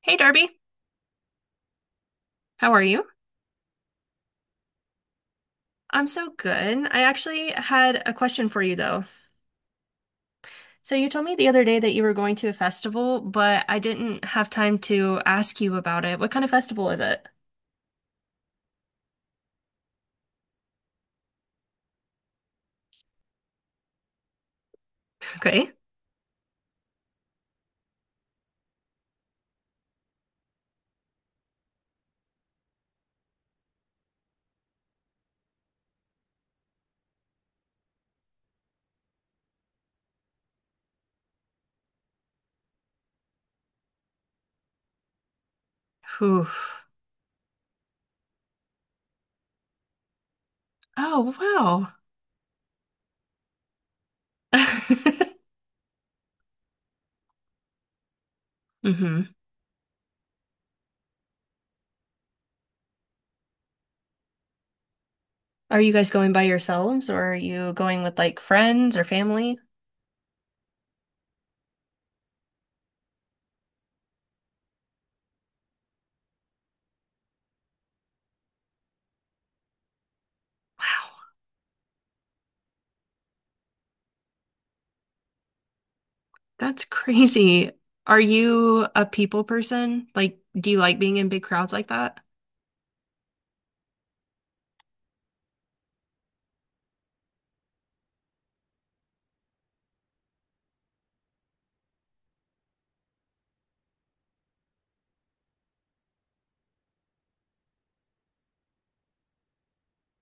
Hey Darby, how are you? I'm so good. I actually had a question for you though. So you told me the other day that you were going to a festival, but I didn't have time to ask you about it. What kind of festival is it? Okay. Whew. Oh, wow. hmm Are you guys going by yourselves or are you going with like friends or family? Wow, that's crazy. Are you a people person? Like, do you like being in big crowds like that?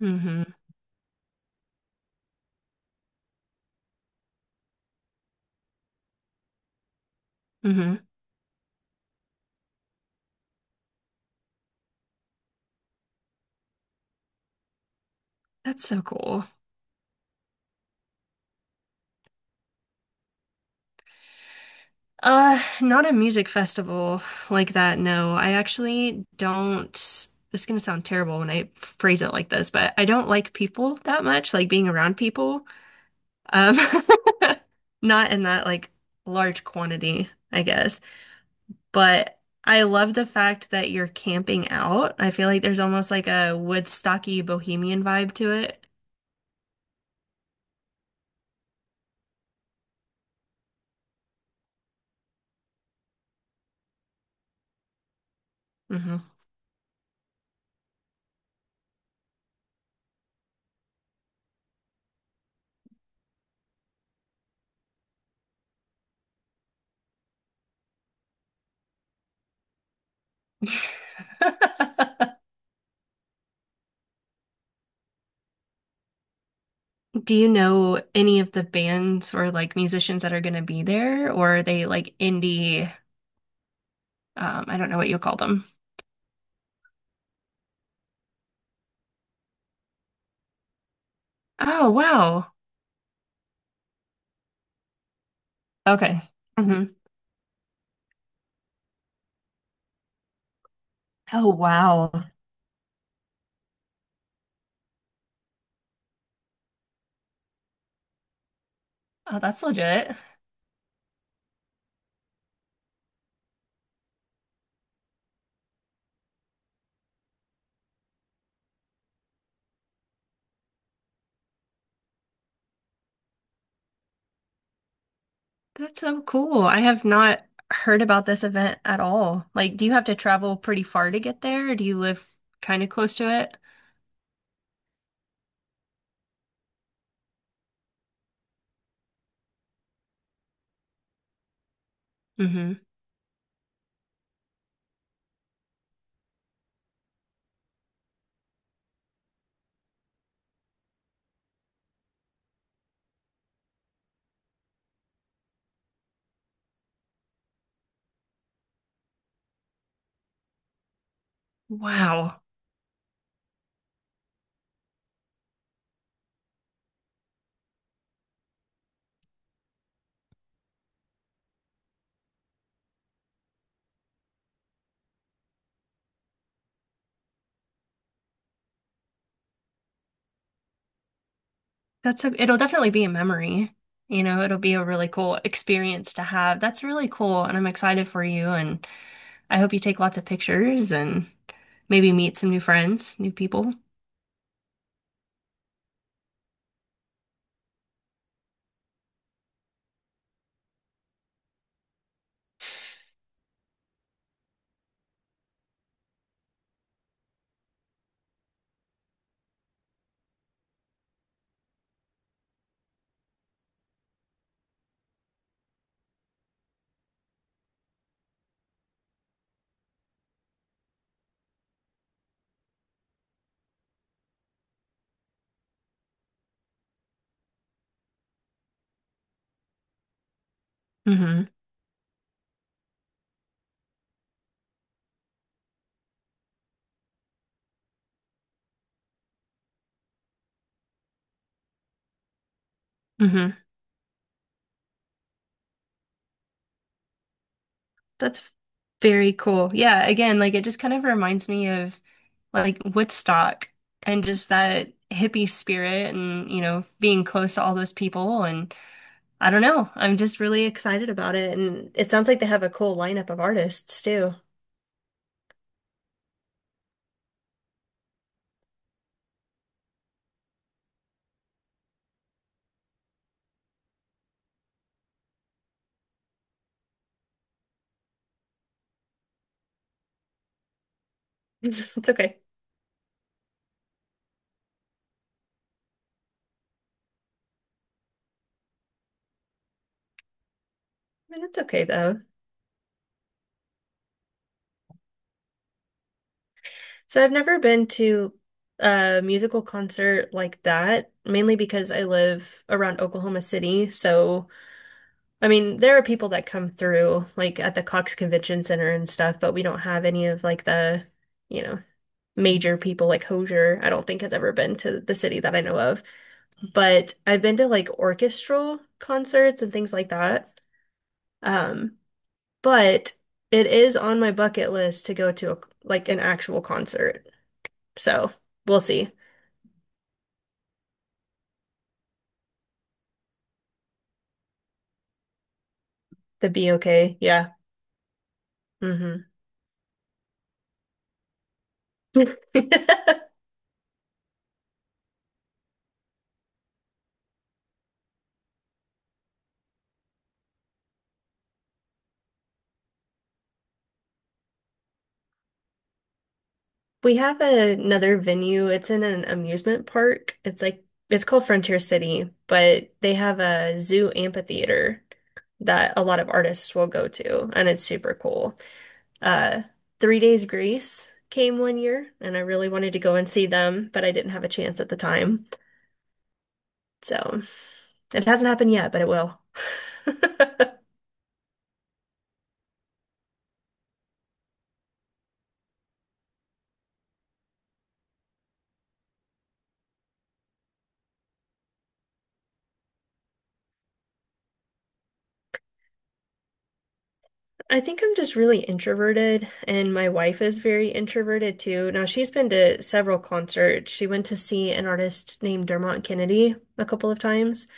Hmm hmm That's so cool. Not a music festival like that, no. I actually don't. This is gonna sound terrible when I phrase it like this, but I don't like people that much, like being around people. Um, not in that like large quantity, I guess. But I love the fact that you're camping out. I feel like there's almost like a Woodstocky bohemian vibe to it. Hmm Do you know any of the bands or like musicians that are going to be there, or are they like indie? I don't know what you call them. Oh, wow. Okay. hmm Oh, wow. Oh, that's legit. That's so cool. I have not heard about this event at all. Like, do you have to travel pretty far to get there, or do you live kind of close to it? Hmm Wow. It'll definitely be a memory. You know, it'll be a really cool experience to have. That's really cool, and I'm excited for you, and I hope you take lots of pictures and maybe meet some new friends, new people. Hmm hmm That's very cool. Yeah, again, like it just kind of reminds me of like Woodstock and just that hippie spirit and, you know, being close to all those people. And I don't know, I'm just really excited about it. And it sounds like they have a cool lineup of artists too. It's okay. I mean, it's okay though. So I've never been to a musical concert like that, mainly because I live around Oklahoma City. So, I mean, there are people that come through like at the Cox Convention Center and stuff, but we don't have any of like the, you know, major people like Hozier, I don't think has ever been to the city that I know of. But I've been to like orchestral concerts and things like that. Um, but it is on my bucket list to go to a, like an actual concert. So, we'll see. The B okay, yeah. hmm We have another venue. It's in an amusement park. It's like it's called Frontier City, but they have a zoo amphitheater that a lot of artists will go to, and it's super cool. Uh, Three Days Grace came one year, and I really wanted to go and see them, but I didn't have a chance at the time. So it hasn't happened yet, but it will. I think I'm just really introverted, and my wife is very introverted too. Now, she's been to several concerts. She went to see an artist named Dermot Kennedy a couple of times.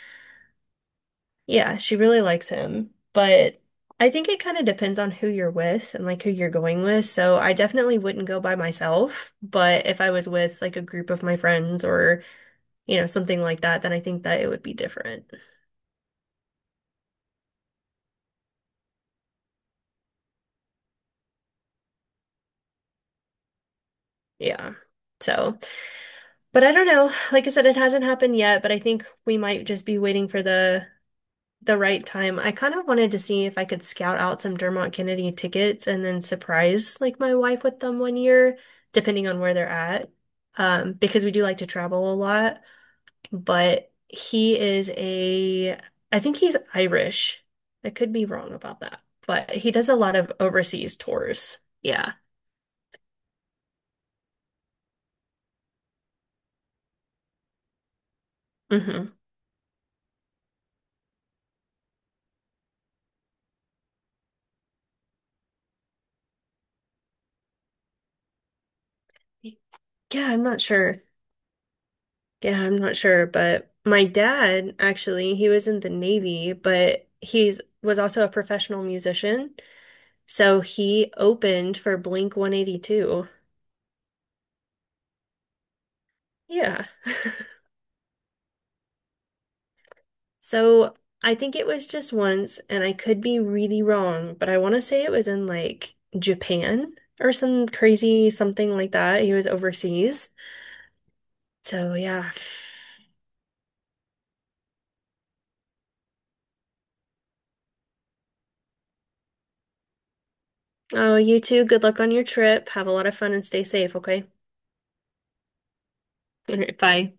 Yeah, she really likes him, but I think it kind of depends on who you're with and like who you're going with. So, I definitely wouldn't go by myself, but if I was with like a group of my friends or, you know, something like that, then I think that it would be different. Yeah. So. But I don't know. Like I said, it hasn't happened yet, but I think we might just be waiting for the right time. I kind of wanted to see if I could scout out some Dermot Kennedy tickets and then surprise like my wife with them one year, depending on where they're at. Because we do like to travel a lot. But he is a, I think he's Irish. I could be wrong about that, but he does a lot of overseas tours. Yeah. hmm Yeah, I'm not sure. Yeah, I'm not sure, but my dad actually, he was in the Navy, but he's was also a professional musician. So he opened for Blink 182. Yeah. So I think it was just once, and I could be really wrong, but I want to say it was in like Japan or some crazy something like that. He was overseas. So yeah. Oh, you too. Good luck on your trip. Have a lot of fun and stay safe, okay? All right, bye.